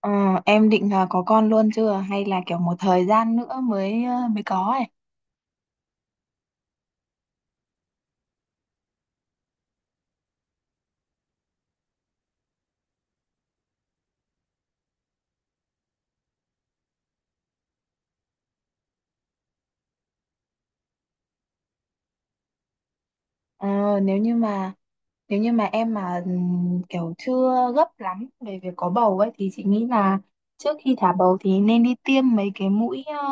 Ờ, em định là có con luôn chưa hay là kiểu một thời gian nữa mới mới có ấy. Ờ, nếu như mà nếu như mà em mà kiểu chưa gấp lắm về việc có bầu ấy thì chị nghĩ là trước khi thả bầu thì nên đi tiêm mấy cái mũi ờ,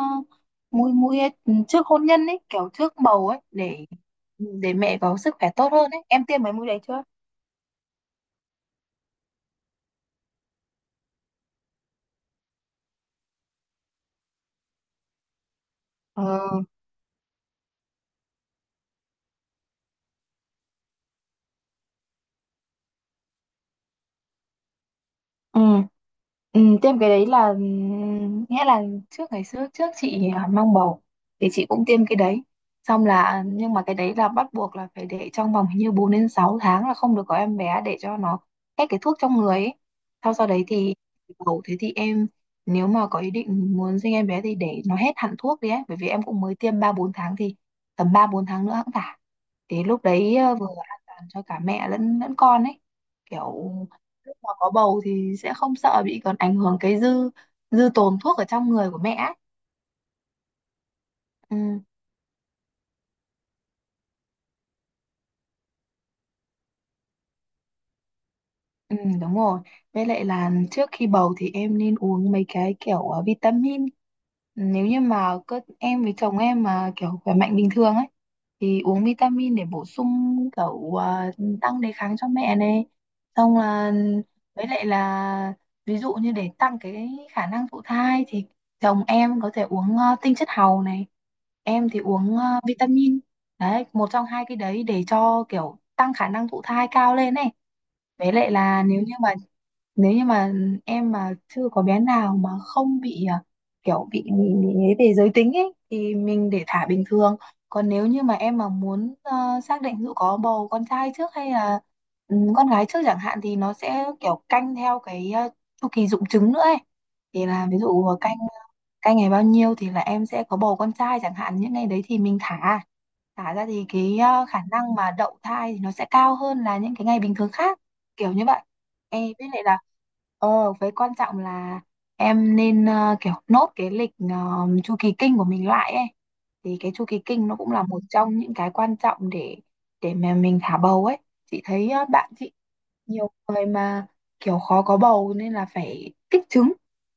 mũi mũi ấy, trước hôn nhân ấy, kiểu trước bầu ấy để để mẹ có sức khỏe tốt hơn ấy. Em tiêm mấy mũi đấy chưa? Ờ, ừ. Ừ, tiêm cái đấy là, nghĩa là trước ngày xưa trước chị mang bầu thì chị cũng tiêm cái đấy xong là, nhưng mà cái đấy là bắt buộc là phải để trong vòng hình như 4 đến 6 tháng là không được có em bé để cho nó hết cái thuốc trong người ấy. Sau sau đấy thì bầu thế thì em, nếu mà có ý định muốn sinh em bé thì để nó hết hẳn thuốc đi ấy, bởi vì em cũng mới tiêm 3 4 tháng thì tầm 3 4 tháng nữa cũng phải, thì lúc đấy vừa an toàn cho cả mẹ lẫn lẫn con ấy, kiểu lúc mà có bầu thì sẽ không sợ bị còn ảnh hưởng cái dư dư tồn thuốc ở trong người của mẹ ấy. Ừ, đúng rồi. Với lại là trước khi bầu thì em nên uống mấy cái kiểu vitamin. Nếu như mà cơ em với chồng em mà kiểu khỏe mạnh bình thường ấy thì uống vitamin để bổ sung kiểu tăng đề kháng cho mẹ này. Xong là với lại là ví dụ như để tăng cái khả năng thụ thai thì chồng em có thể uống tinh chất hàu này, em thì uống vitamin. Đấy, một trong hai cái đấy để cho kiểu tăng khả năng thụ thai cao lên này. Với lại là nếu như mà nếu như mà em mà chưa có bé nào mà không bị kiểu bị ấy về giới tính ấy thì mình để thả bình thường. Còn nếu như mà em mà muốn xác định ví dụ có bầu con trai trước hay là con gái trước chẳng hạn thì nó sẽ kiểu canh theo cái chu kỳ rụng trứng nữa ấy. Thì là ví dụ canh, ngày bao nhiêu thì là em sẽ có bầu con trai chẳng hạn, những ngày đấy thì mình thả. Thả ra thì cái khả năng mà đậu thai thì nó sẽ cao hơn là những cái ngày bình thường khác, kiểu như vậy. Em biết lại là với quan trọng là em nên kiểu nốt cái lịch chu kỳ kinh của mình lại ấy, thì cái chu kỳ kinh nó cũng là một trong những cái quan trọng để mà mình thả bầu ấy. Chị thấy bạn chị nhiều người mà kiểu khó có bầu nên là phải kích trứng,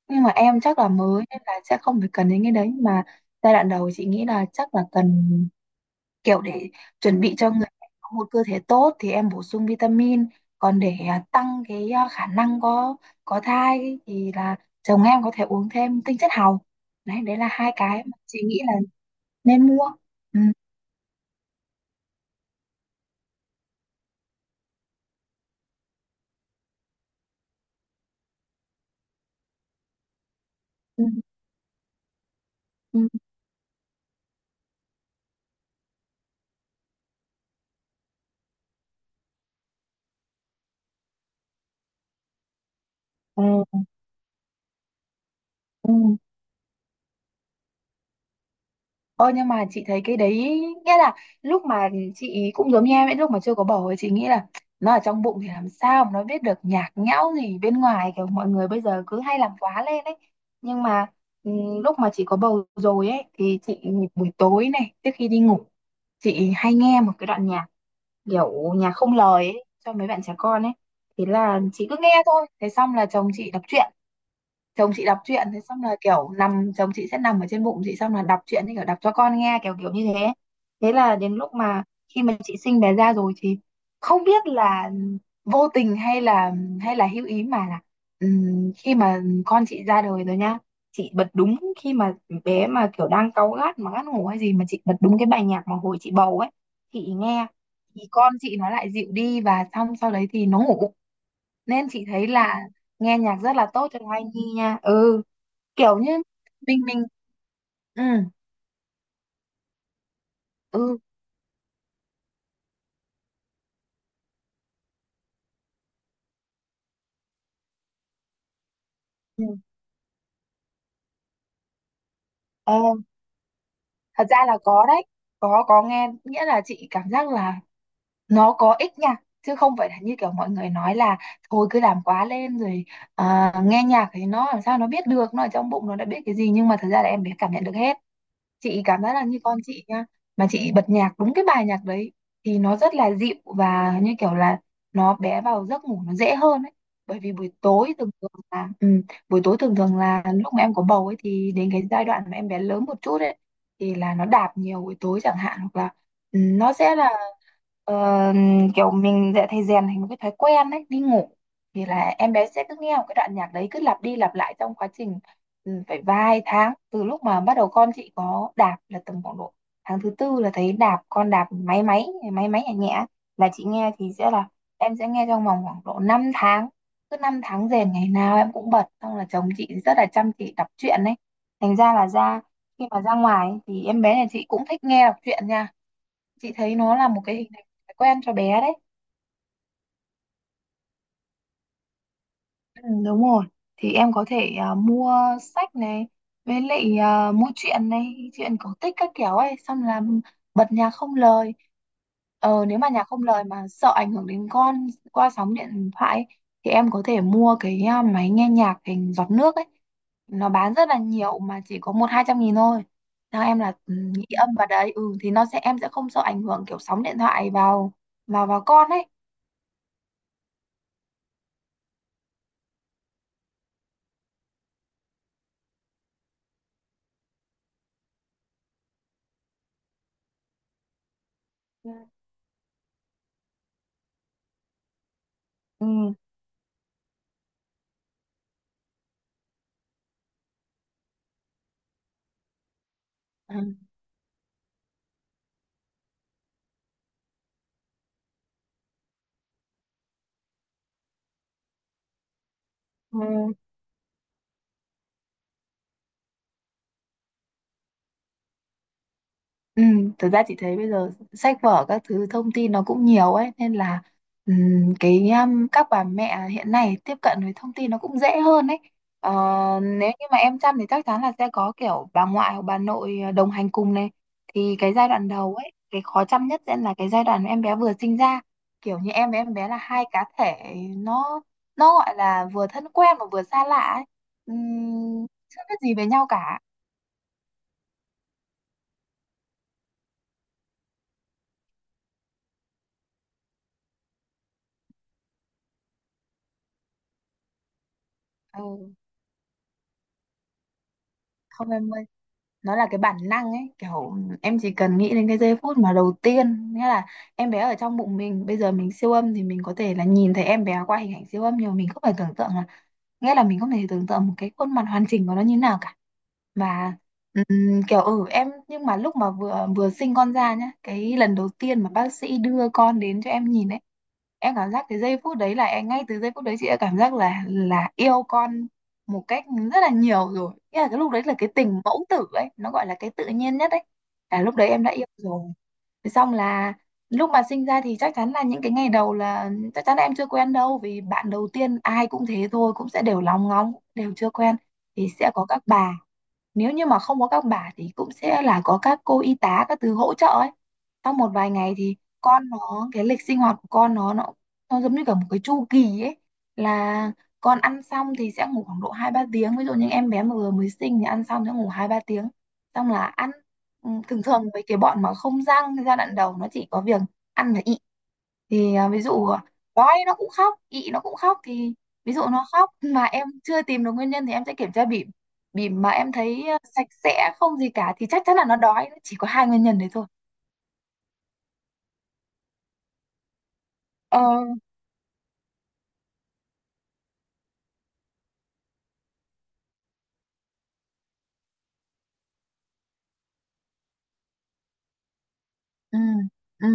nhưng mà em chắc là mới nên là sẽ không phải cần đến cái đấy. Nhưng mà giai đoạn đầu chị nghĩ là chắc là cần, kiểu để chuẩn bị cho người mẹ có một cơ thể tốt thì em bổ sung vitamin, còn để tăng cái khả năng có thai thì là chồng em có thể uống thêm tinh chất hào, đấy đấy là hai cái mà chị nghĩ là nên mua. Ừ. Ừ. Ừ. Ừ. Ừ. Ơ nhưng mà chị thấy cái đấy, nghĩa là lúc mà chị ý cũng giống như em ấy, lúc mà chưa có bầu ấy chị nghĩ là nó ở trong bụng thì làm sao mà nó biết được nhạc nhẽo gì bên ngoài, kiểu mọi người bây giờ cứ hay làm quá lên ấy. Nhưng mà lúc mà chị có bầu rồi ấy thì chị buổi tối này trước khi đi ngủ chị hay nghe một cái đoạn nhạc, kiểu nhạc không lời ấy cho mấy bạn trẻ con ấy, thì là chị cứ nghe thôi, thế xong là chồng chị đọc truyện. Thế xong là kiểu nằm, chồng chị sẽ nằm ở trên bụng chị xong là đọc truyện, thì kiểu đọc cho con nghe kiểu kiểu như thế. Thế là đến lúc mà khi mà chị sinh bé ra rồi thì không biết là vô tình hay là hữu ý mà là, khi mà con chị ra đời rồi nhá, chị bật đúng khi mà bé mà kiểu đang cáu gắt mà ngắt ngủ hay gì mà chị bật đúng cái bài nhạc mà hồi chị bầu ấy chị nghe, thì con chị nó lại dịu đi và xong sau đấy thì nó ngủ, nên chị thấy là nghe nhạc rất là tốt cho thai nhi nha. Ừ, kiểu như mình ừ ừ. Ừ. Ờ, thật ra là có đấy, có nghe nghĩa là chị cảm giác là nó có ích nha, chứ không phải là như kiểu mọi người nói là thôi cứ làm quá lên rồi, nghe nhạc thì nó làm sao nó biết được, nó ở trong bụng nó đã biết cái gì, nhưng mà thật ra là em bé cảm nhận được hết. Chị cảm giác là như con chị nha, mà chị bật nhạc đúng cái bài nhạc đấy thì nó rất là dịu, và như kiểu là nó bé vào giấc ngủ nó dễ hơn ấy. Bởi vì buổi tối thường thường là buổi tối thường thường là lúc mà em có bầu ấy, thì đến cái giai đoạn mà em bé lớn một chút ấy thì là nó đạp nhiều buổi tối chẳng hạn, hoặc là nó sẽ là ờ, kiểu mình sẽ thấy rèn thành một cái thói quen ấy, đi ngủ thì là em bé sẽ cứ nghe một cái đoạn nhạc đấy cứ lặp đi lặp lại trong quá trình, phải vài tháng. Từ lúc mà bắt đầu con chị có đạp là tầm khoảng độ tháng thứ 4 là thấy đạp, con đạp máy máy nhẹ nhẹ là chị nghe, thì sẽ là em sẽ nghe trong vòng khoảng độ 5 tháng, cứ 5 tháng rền ngày nào em cũng bật, xong là chồng chị rất là chăm chỉ đọc truyện đấy, thành ra là ra khi mà ra ngoài ấy, thì em bé nhà chị cũng thích nghe đọc truyện nha. Chị thấy nó là một cái hình thành thói quen cho bé đấy. Ừ, đúng rồi, thì em có thể mua sách này, với lại mua truyện này, truyện cổ tích các kiểu ấy, xong là bật nhạc không lời. Nếu mà nhạc không lời mà sợ ảnh hưởng đến con qua sóng điện thoại ấy, thì em có thể mua cái máy nghe nhạc hình giọt nước ấy, nó bán rất là nhiều mà chỉ có 100 200 nghìn thôi, theo em là nghĩ âm vào đấy ừ, thì nó sẽ em sẽ không sợ ảnh hưởng kiểu sóng điện thoại vào vào vào con ấy. Ừ. Ừ. Ừ. Ừ, thật ra chị thấy bây giờ sách vở các thứ thông tin nó cũng nhiều ấy, nên là cái các bà mẹ hiện nay tiếp cận với thông tin nó cũng dễ hơn ấy. Ờ, nếu như mà em chăm thì chắc chắn là sẽ có kiểu bà ngoại hoặc bà nội đồng hành cùng này, thì cái giai đoạn đầu ấy cái khó chăm nhất sẽ là cái giai đoạn em bé vừa sinh ra, kiểu như em với em bé là hai cá thể, nó gọi là vừa thân quen mà vừa xa lạ ấy. Chưa biết gì về nhau cả. Ừ. Không em, nó là cái bản năng ấy, kiểu em chỉ cần nghĩ đến cái giây phút mà đầu tiên, nghĩa là em bé ở trong bụng mình, bây giờ mình siêu âm thì mình có thể là nhìn thấy em bé qua hình ảnh siêu âm, nhưng mà mình không phải tưởng tượng, nghĩa là mình không thể tưởng tượng một cái khuôn mặt hoàn chỉnh của nó như nào cả. Mà kiểu em, nhưng mà lúc mà vừa vừa sinh con ra nhá, cái lần đầu tiên mà bác sĩ đưa con đến cho em nhìn ấy, em cảm giác cái giây phút đấy là em, ngay từ giây phút đấy chị đã cảm giác là yêu con một cách rất là nhiều rồi, nghĩa là cái lúc đấy là cái tình mẫu tử ấy, nó gọi là cái tự nhiên nhất ấy, là lúc đấy em đã yêu rồi. Thế xong là lúc mà sinh ra thì chắc chắn là những cái ngày đầu là, chắc chắn là em chưa quen đâu, vì bạn đầu tiên ai cũng thế thôi, cũng sẽ đều lóng ngóng đều chưa quen, thì sẽ có các bà, nếu như mà không có các bà thì cũng sẽ là có các cô y tá các thứ hỗ trợ ấy. Sau một vài ngày thì con nó, cái lịch sinh hoạt của con nó giống như cả một cái chu kỳ ấy, là con ăn xong thì sẽ ngủ khoảng độ 2 3 tiếng, ví dụ như em bé mà vừa mới sinh thì ăn xong sẽ ngủ 2 3 tiếng, xong là ăn. Ừ, thường thường với cái bọn mà không răng giai đoạn đầu nó chỉ có việc ăn và y, thì ví dụ quái nó cũng khóc, ị nó cũng khóc, thì ví dụ nó khóc mà em chưa tìm được nguyên nhân thì em sẽ kiểm tra bỉm. Bỉm mà em thấy sạch sẽ không gì cả thì chắc chắn là nó đói, nó chỉ có hai nguyên nhân đấy thôi. ờ ừ ừ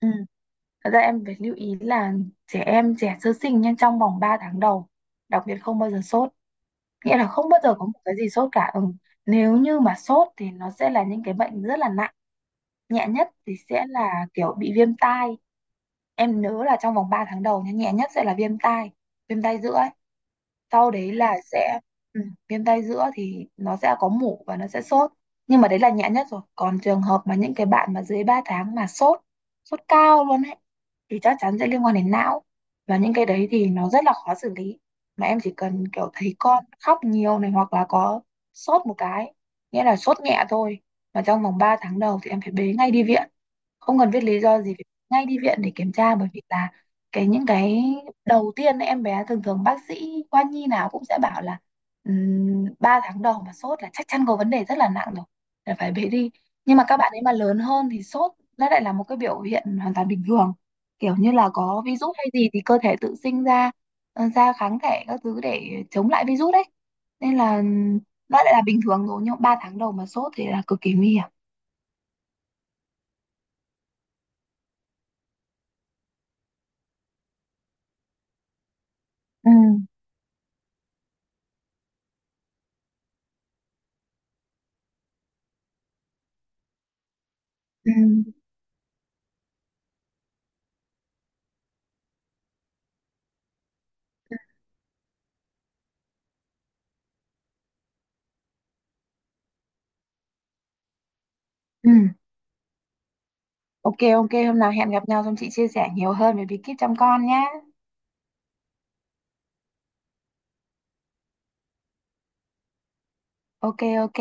ừ Thật ra em phải lưu ý là trẻ em, trẻ sơ sinh nha, trong vòng 3 tháng đầu đặc biệt không bao giờ sốt, nghĩa là không bao giờ có một cái gì sốt cả. Ừ. Nếu như mà sốt thì nó sẽ là những cái bệnh rất là nặng, nhẹ nhất thì sẽ là kiểu bị viêm tai. Em nhớ là trong vòng 3 tháng đầu nha, nhẹ nhất sẽ là viêm tai giữa. Sau đấy là sẽ ừ, viêm tay giữa thì nó sẽ có mủ và nó sẽ sốt, nhưng mà đấy là nhẹ nhất rồi. Còn trường hợp mà những cái bạn mà dưới 3 tháng mà sốt, sốt cao luôn ấy, thì chắc chắn sẽ liên quan đến não, và những cái đấy thì nó rất là khó xử lý. Mà em chỉ cần kiểu thấy con khóc nhiều này, hoặc là có sốt một cái, nghĩa là sốt nhẹ thôi, mà trong vòng 3 tháng đầu thì em phải bế ngay đi viện, không cần biết lý do gì phải bế ngay đi viện để kiểm tra, bởi vì là cái những cái đầu tiên ấy, em bé thường thường bác sĩ khoa nhi nào cũng sẽ bảo là 3 tháng đầu mà sốt là chắc chắn có vấn đề rất là nặng rồi, là phải bế đi. Nhưng mà các bạn ấy mà lớn hơn thì sốt nó lại là một cái biểu hiện hoàn toàn bình thường, kiểu như là có virus hay gì thì cơ thể tự sinh ra ra kháng thể các thứ để chống lại virus đấy, nên là nó lại là bình thường rồi. Nhưng 3 tháng đầu mà sốt thì là cực kỳ nguy hiểm. Ừ. Ừ. Ừ. Ok, ok, hôm nào hẹn gặp nhau xong chị chia sẻ nhiều hơn về bí kíp chăm con nhé. Ok, ok.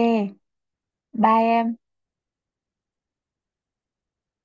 Bye em.